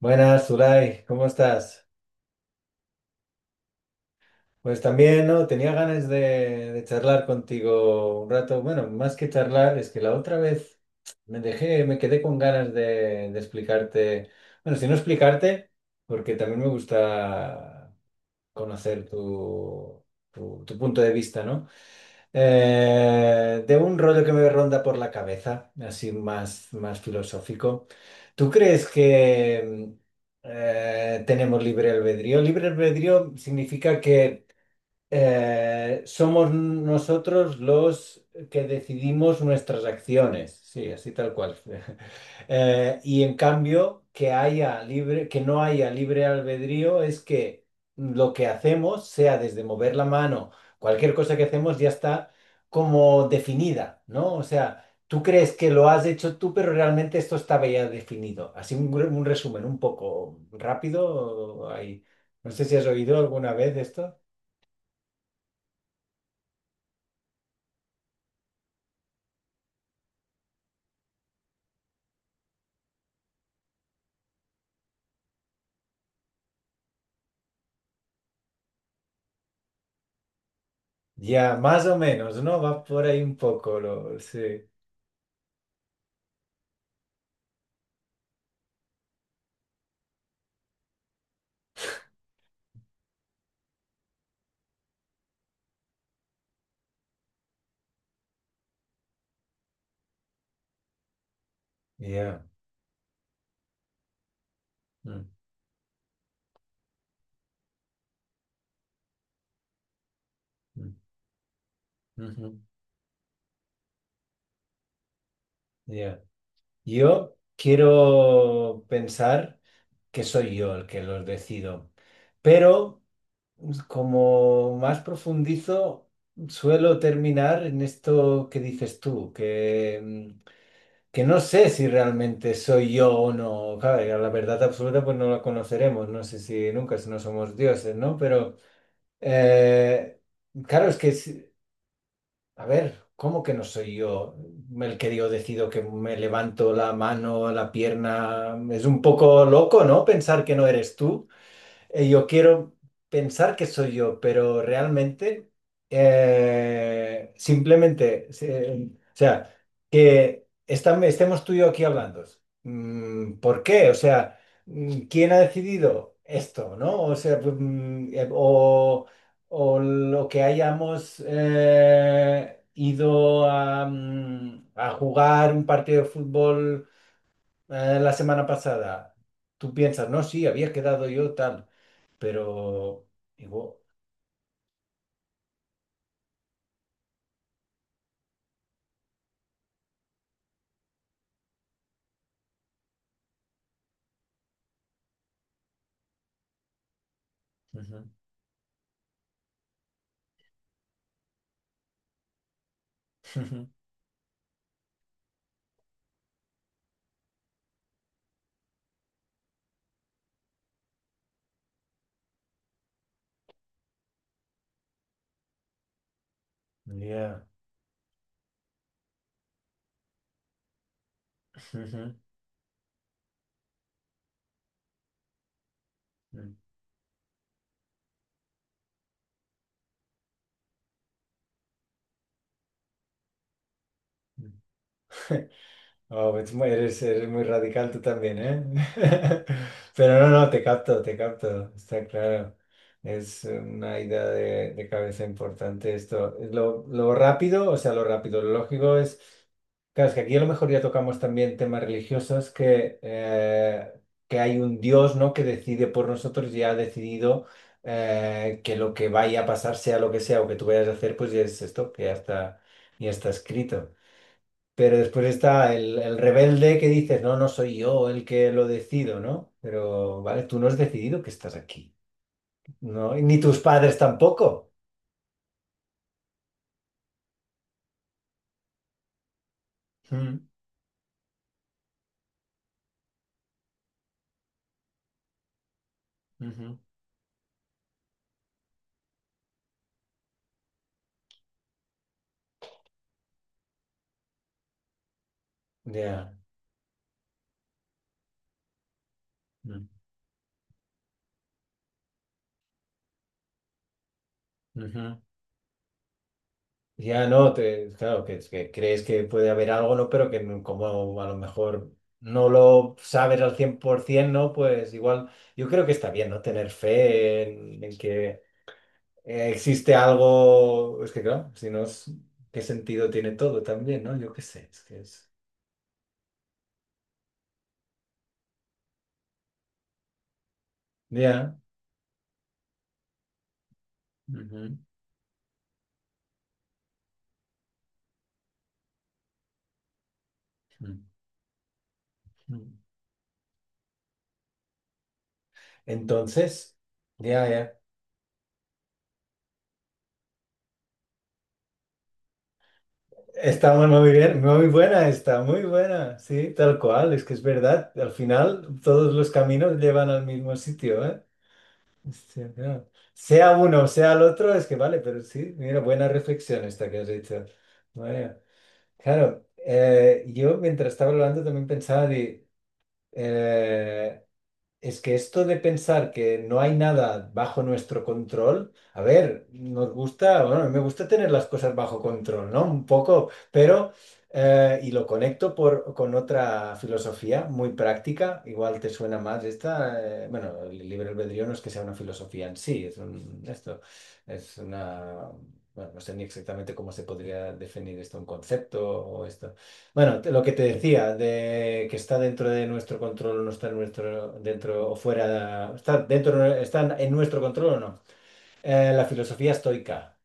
Buenas, Zulay, ¿cómo estás? Pues también, ¿no? Tenía ganas de charlar contigo un rato. Bueno, más que charlar, es que la otra vez me quedé con ganas de explicarte. Bueno, si no explicarte, porque también me gusta conocer tu punto de vista, ¿no? De un rollo que me ronda por la cabeza, así más, más filosófico. ¿Tú crees que tenemos libre albedrío? Libre albedrío significa que somos nosotros los que decidimos nuestras acciones, sí, así tal cual. Y en cambio, que no haya libre albedrío es que lo que hacemos, sea desde mover la mano, cualquier cosa que hacemos ya está como definida, ¿no? O sea, tú crees que lo has hecho tú, pero realmente esto estaba ya definido. Así un resumen un poco rápido, ahí. No sé si has oído alguna vez esto. Ya, más o menos, ¿no? Va por ahí un poco, sí. Ya. Mm, mm, ujú. Ya. Yo quiero pensar que soy yo el que los decido, pero como más profundizo, suelo terminar en esto que dices tú, que no sé si realmente soy yo o no. Claro, la verdad absoluta pues no la conoceremos, no sé si nunca, si no somos dioses, ¿no? Pero eh, Claro, es que si- a ver, ¿cómo que no soy yo el que yo decido que me levanto la mano, la pierna? Es un poco loco, ¿no? Pensar que no eres tú. Yo quiero pensar que soy yo, pero realmente o sea, que estemos tú y yo aquí hablando. ¿Por qué? O sea, ¿quién ha decidido esto, no? O sea, pues, o lo que hayamos ido a jugar un partido de fútbol la semana pasada. Tú piensas, no, sí, había quedado yo tal, pero igual. Ujú. Ujú. Yeah. Ujú. Mm. Wow, eres muy radical tú también, ¿eh? Pero no, no, te capto, está claro. Es una idea de cabeza importante esto. Lo rápido, o sea, lo rápido, lo lógico es, claro, es que aquí a lo mejor ya tocamos también temas religiosos que hay un Dios, ¿no? Que decide por nosotros y ha decidido que lo que vaya a pasar, sea lo que sea, o que tú vayas a hacer, pues ya es esto, que ya está escrito. Pero después está el rebelde que dices, no, no soy yo el que lo decido, ¿no? Pero, vale, tú no has decidido que estás aquí, ¿no? Y ni tus padres tampoco. Mm. Ujú. Ya. Mm. Ujú. Ya no, claro, que crees que puede haber algo, ¿no? Pero que como a lo mejor no lo sabes al 100%, ¿no? Pues igual, yo creo que está bien, ¿no? Tener fe en que existe algo, es que claro, si no es, ¿qué sentido tiene todo también, no? Yo qué sé, es que es, ya. Ujú. Ujú. Entonces, ya, ya. Está muy muy bien, muy buena, está muy buena, sí, tal cual, es que es verdad, al final todos los caminos llevan al mismo sitio, ¿eh? Hostia, claro. Sea uno, sea el otro, es que vale, pero sí, mira, buena reflexión esta que has hecho. Vaya. Claro, yo mientras estaba hablando también pensaba de Eh, es que esto de pensar que no hay nada bajo nuestro control, a ver, nos gusta, bueno, a mí me gusta tener las cosas bajo control, ¿no? Un poco, pero y lo conecto con otra filosofía muy práctica, igual te suena más esta, bueno, el libre albedrío no es que sea una filosofía en sí, es un, esto, es una, bueno, no sé ni exactamente cómo se podría definir esto, un concepto o esto. Bueno, lo que te decía, de que está dentro de nuestro control, no está en nuestro, dentro o fuera, está dentro, está en nuestro control o no. La filosofía estoica,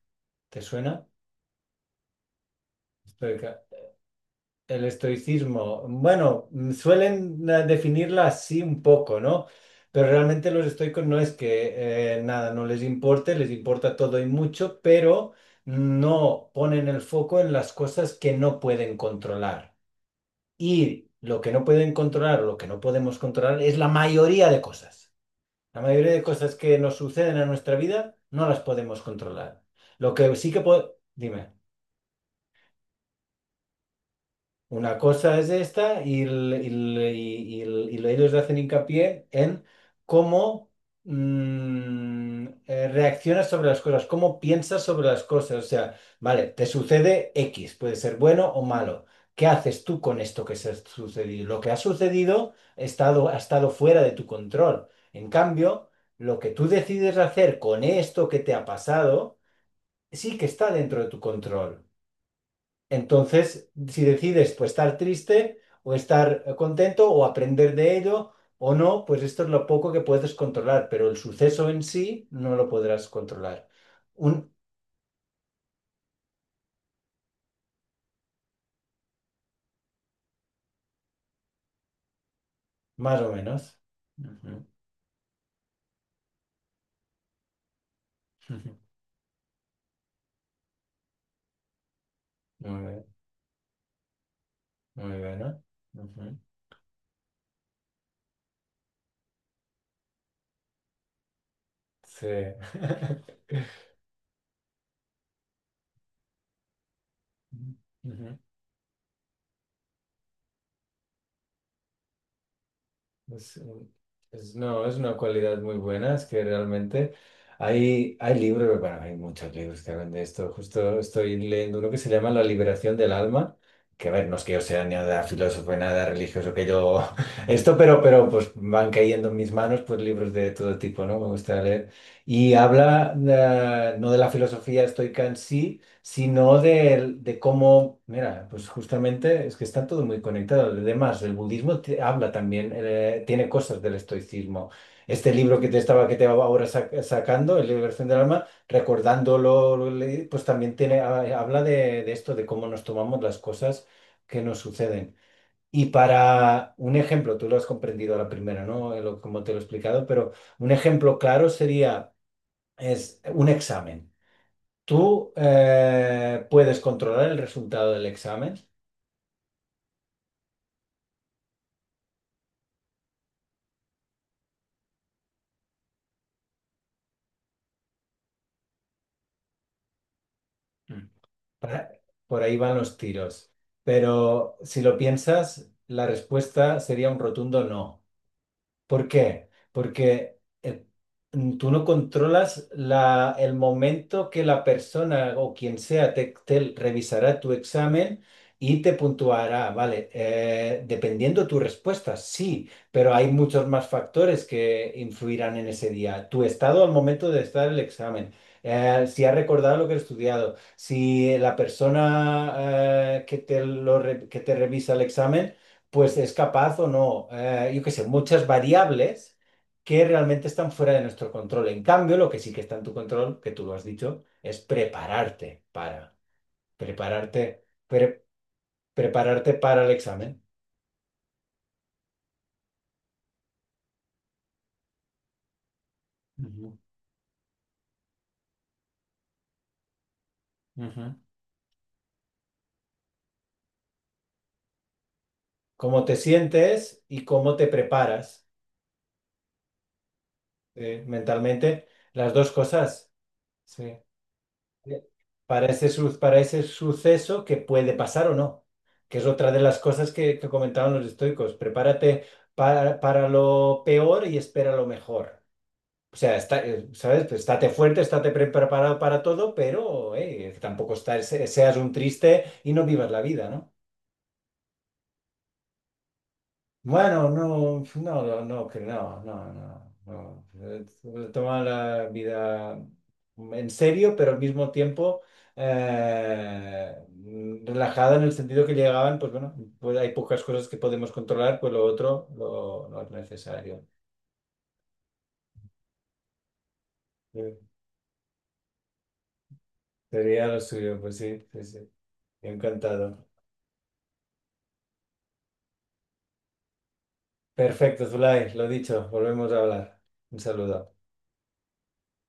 ¿te suena? Estoica. El estoicismo, bueno, suelen definirla así un poco, ¿no? Pero realmente los estoicos no es que nada, no les importe, les importa todo y mucho, pero no ponen el foco en las cosas que no pueden controlar. Y lo que no pueden controlar o lo que no podemos controlar es la mayoría de cosas. La mayoría de cosas que nos suceden en nuestra vida no las podemos controlar. Lo que sí que puedo... Dime. Una cosa es esta y ellos hacen hincapié en cómo reaccionas sobre las cosas, cómo piensas sobre las cosas. O sea, vale, te sucede X, puede ser bueno o malo. ¿Qué haces tú con esto que se ha sucedido? Lo que ha sucedido ha estado fuera de tu control. En cambio, lo que tú decides hacer con esto que te ha pasado sí que está dentro de tu control. Entonces, si decides pues, estar triste o estar contento o aprender de ello o no, pues esto es lo poco que puedes controlar, pero el suceso en sí no lo podrás controlar. Un, más o menos. Ujú. Muy bien, muy bien, ¿no? Ujú. Sí. Ujú. Es, no, es una cualidad muy buena, es que realmente hay libros, bueno, hay muchos libros que hablan de esto. Justo estoy leyendo uno que se llama La Liberación del Alma, que a ver, no es que yo sea ni nada filósofo, ni nada religioso, que yo esto, pero, pues van cayendo en mis manos pues libros de todo tipo, ¿no? Me gusta leer. Y habla, no de la filosofía estoica en sí, sino cómo, mira, pues justamente es que está todo muy conectado. Además, el budismo habla también, tiene cosas del estoicismo. Este libro que te estaba, que te va ahora sac- sacando, El Liberación del Alma, recordándolo, lo leí, pues también habla de esto, de cómo nos tomamos las cosas que nos suceden. Y para un ejemplo, tú lo has comprendido a la primera, ¿no? Como te lo he explicado, pero un ejemplo claro sería, es un examen. Tú puedes controlar el resultado del examen. Mm. Para por ahí van los tiros, pero si lo piensas, la respuesta sería un rotundo no. ¿Por qué? Porque tú no controlas el momento que la persona o quien sea te revisará tu examen y te puntuará, ¿vale? Dependiendo tu respuesta, sí, pero hay muchos más factores que influirán en ese día. Tu estado al momento de estar el examen, si ha recordado lo que ha estudiado, si la persona que te revisa el examen pues es capaz o no, yo qué sé, muchas variables que realmente están fuera de nuestro control. En cambio, lo que sí que está en tu control, que tú lo has dicho, es prepararte, pre- prepararte para el examen. Ujú. Ujú. Cómo te sientes y cómo te preparas, mentalmente, las dos cosas. Sí. Para ese, suceso que puede pasar o no, que es otra de las cosas que comentaban los estoicos. Prepárate para lo peor y espera lo mejor. O sea, está, ¿sabes? Pues estate fuerte, estate preparado para todo, pero tampoco seas un triste y no vivas la vida, ¿no? Bueno, no, no, no, no, que no, no, no, no. Toma la vida en serio, pero al mismo tiempo relajada en el sentido que llegaban, pues bueno, pues hay pocas cosas que podemos controlar, pues lo otro lo, no es necesario. Eh, Sería lo suyo, pues sí, sí, sí. Encantado. Perfecto, Zulay, lo dicho, volvemos a hablar. Un saludo.